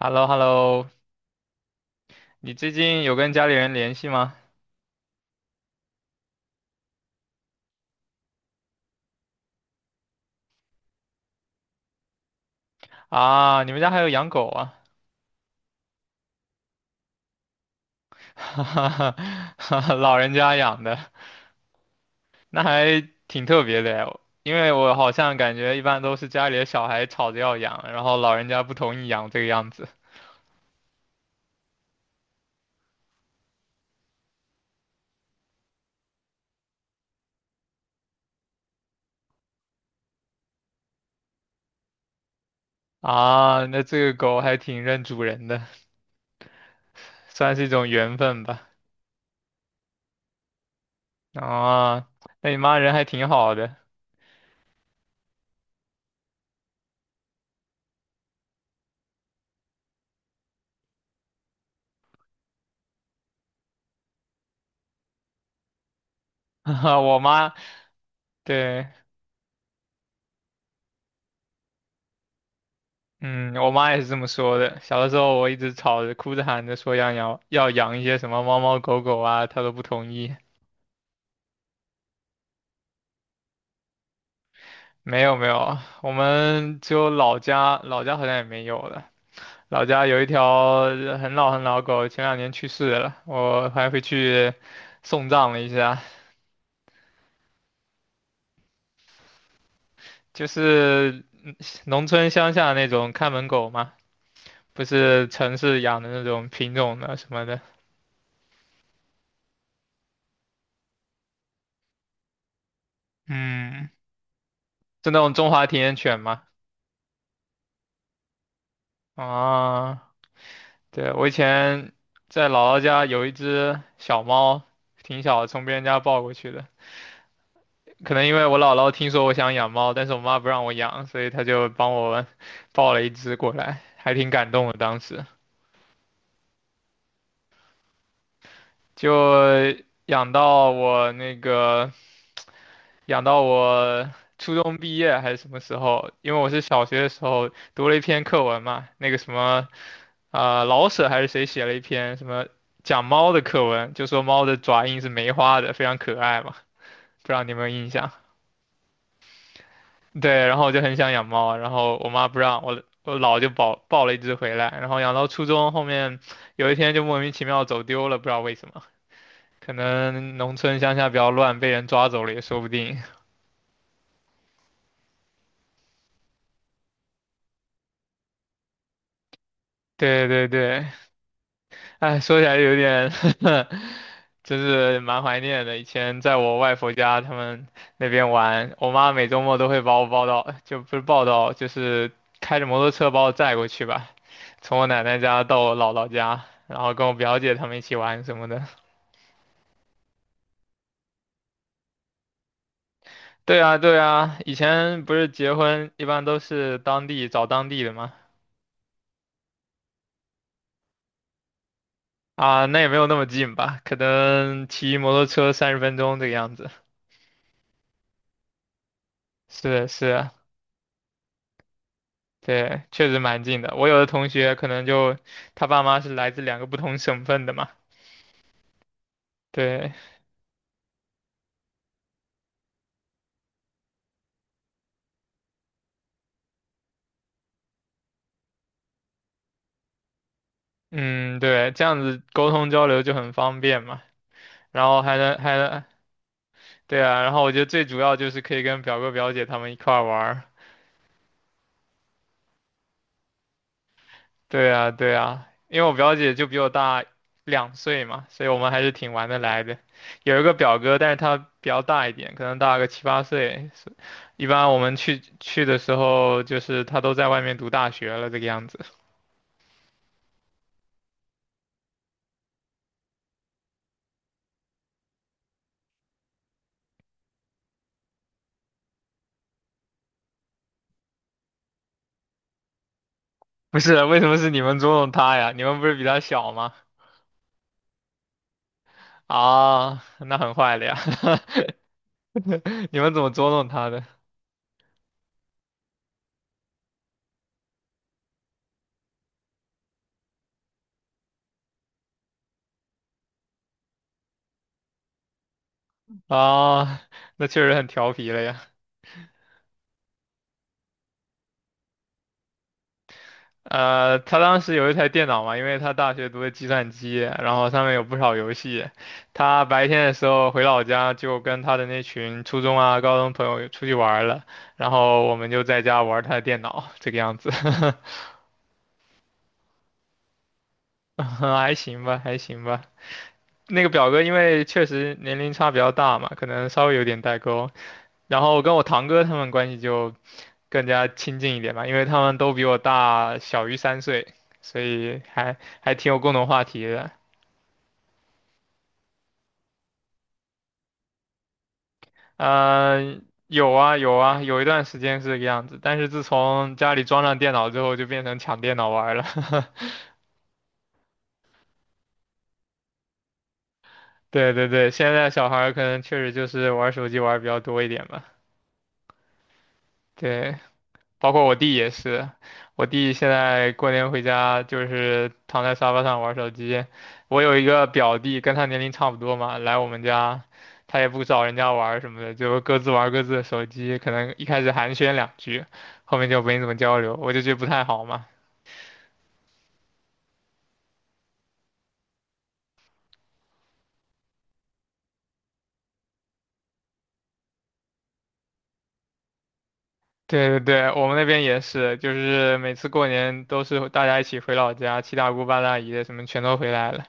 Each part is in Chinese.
h e l l o h e l l o 你最近有跟家里人联系吗？啊，你们家还有养狗啊？哈哈哈，老人家养的，那还挺特别的呀。因为我好像感觉一般都是家里的小孩吵着要养，然后老人家不同意养这个样子。啊，那这个狗还挺认主人的，算是一种缘分吧。啊，那你妈人还挺好的。我妈，对。嗯，我妈也是这么说的。小的时候，我一直吵着、哭着、喊着说要养一些什么猫猫狗狗啊，她都不同意。没有没有，我们只有老家，老家好像也没有了。老家有一条很老很老狗，前两年去世了，我还回去送葬了一下。就是农村乡下那种看门狗嘛，不是城市养的那种品种的什么的。嗯，是那种中华田园犬嘛。啊。对，我以前在姥姥家有一只小猫，挺小的，从别人家抱过去的。可能因为我姥姥听说我想养猫，但是我妈不让我养，所以她就帮我 抱了一只过来，还挺感动的。当时就养到我那个养到我初中毕业还是什么时候？因为我是小学的时候读了一篇课文嘛，那个什么老舍还是谁写了一篇什么讲猫的课文，就说猫的爪印是梅花的，非常可爱嘛。不知道你有没有印象？对，然后我就很想养猫啊，然后我妈不让我，我姥就抱了一只回来，然后养到初中，后面有一天就莫名其妙走丢了，不知道为什么，可能农村乡下比较乱，被人抓走了也说不定。对对对，哎，说起来有点 就是蛮怀念的。以前在我外婆家，他们那边玩，我妈每周末都会把我抱到，就不是抱到，就是开着摩托车把我载过去吧，从我奶奶家到我姥姥家，然后跟我表姐他们一起玩什么的。对啊，对啊，以前不是结婚一般都是当地找当地的吗？啊，那也没有那么近吧，可能骑摩托车30分钟这个样子。是是，对，确实蛮近的。我有的同学可能就他爸妈是来自两个不同省份的嘛，对，嗯，对，这样子沟通交流就很方便嘛。然后还能，对啊，然后我觉得最主要就是可以跟表哥表姐他们一块儿玩儿。对啊，对啊，因为我表姐就比我大两岁嘛，所以我们还是挺玩得来的。有一个表哥，但是他比较大一点，可能大个7、8岁。是一般我们去的时候，就是他都在外面读大学了这个样子。不是，为什么是你们捉弄他呀？你们不是比他小吗？啊，那很坏了呀，你们怎么捉弄他的？啊，那确实很调皮了呀。他当时有一台电脑嘛，因为他大学读的计算机，然后上面有不少游戏。他白天的时候回老家，就跟他的那群初中啊、高中朋友出去玩儿了，然后我们就在家玩儿他的电脑，这个样子，还行吧，还行吧。那个表哥因为确实年龄差比较大嘛，可能稍微有点代沟。然后跟我堂哥他们关系就更加亲近一点吧，因为他们都比我大小于3岁，所以还挺有共同话题的。嗯、有啊有啊，有一段时间是这个样子，但是自从家里装上电脑之后，就变成抢电脑玩儿了。对对对，现在小孩儿可能确实就是玩手机玩儿比较多一点吧。对，包括我弟也是，我弟现在过年回家就是躺在沙发上玩手机。我有一个表弟，跟他年龄差不多嘛，来我们家，他也不找人家玩儿什么的，就各自玩各自的手机。可能一开始寒暄两句，后面就没怎么交流，我就觉得不太好嘛。对对对，我们那边也是，就是每次过年都是大家一起回老家，七大姑八大姨的什么全都回来了。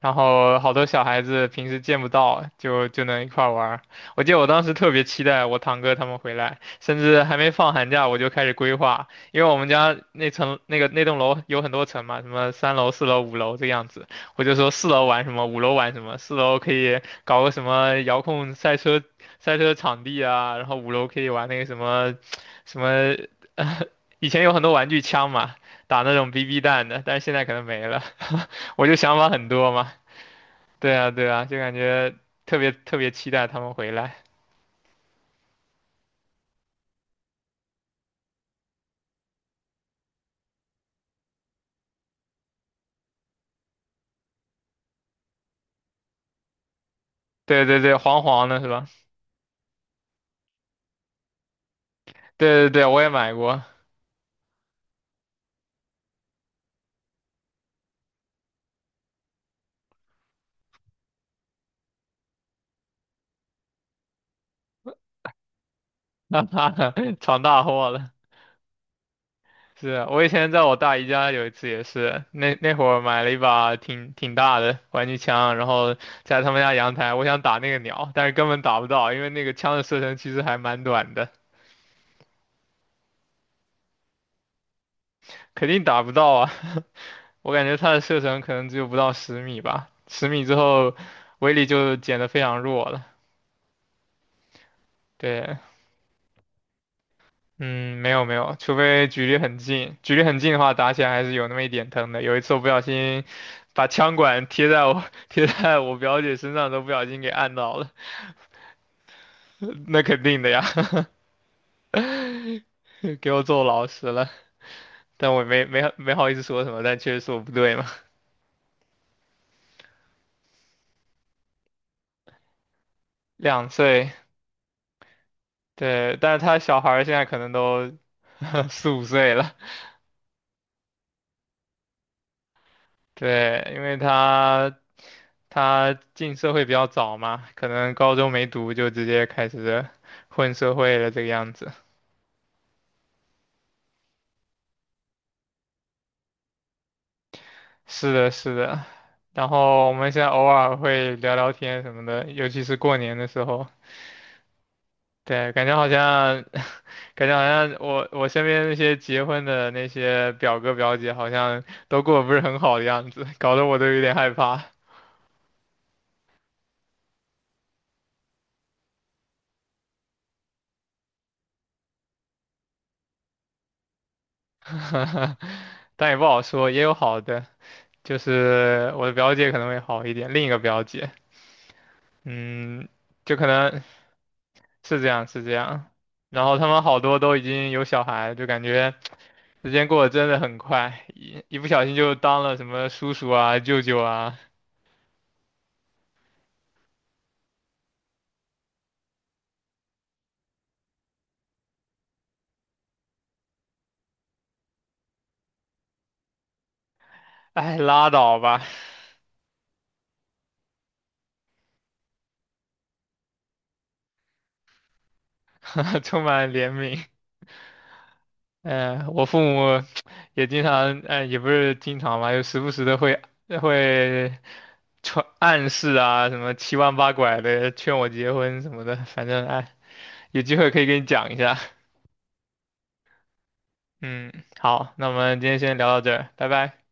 然后好多小孩子平时见不到，就能一块儿玩儿。我记得我当时特别期待我堂哥他们回来，甚至还没放寒假我就开始规划，因为我们家那层那个那栋楼有很多层嘛，什么三楼、四楼、五楼这样子。我就说四楼玩什么，五楼玩什么，四楼可以搞个什么遥控赛车赛车场地啊，然后五楼可以玩那个什么什么，以前有很多玩具枪嘛，打那种 BB 弹的，但是现在可能没了。我就想法很多嘛。对啊，对啊，就感觉特别特别期待他们回来。对对对，黄黄的是吧？对对对，我也买过，哈哈，闯大祸了。是啊我以前在我大姨家有一次也是，那会儿买了一把挺大的玩具枪，然后在他们家阳台，我想打那个鸟，但是根本打不到，因为那个枪的射程其实还蛮短的，肯定打不到啊。我感觉它的射程可能只有不到十米吧，十米之后威力就减得非常弱了。对，嗯，没有没有，除非距离很近，距离很近的话，打起来还是有那么一点疼的。有一次我不小心把枪管贴在我 贴在我表姐身上，都不小心给按到了，那肯定的呀，给我揍老实了。但我没好意思说什么，但确实是我不对嘛。两岁，对，但是他小孩儿现在可能都 4、5岁了，对，因为他他进社会比较早嘛，可能高中没读就直接开始混社会了这个样子。是的，是的。然后我们现在偶尔会聊聊天什么的，尤其是过年的时候。对，感觉好像，感觉好像我我身边那些结婚的那些表哥表姐好像都过得不是很好的样子，搞得我都有点害怕。但也不好说，也有好的，就是我的表姐可能会好一点，另一个表姐，嗯，就可能是这样，是这样。然后他们好多都已经有小孩，就感觉。时间过得真的很快，一不小心就当了什么叔叔啊、舅舅啊，哎，拉倒吧，充满怜悯。嗯、我父母也经常，哎，也不是经常吧，就时不时的会传暗示啊，什么七弯八拐的劝我结婚什么的，反正哎，有机会可以跟你讲一下。嗯，好，那我们今天先聊到这儿，拜拜。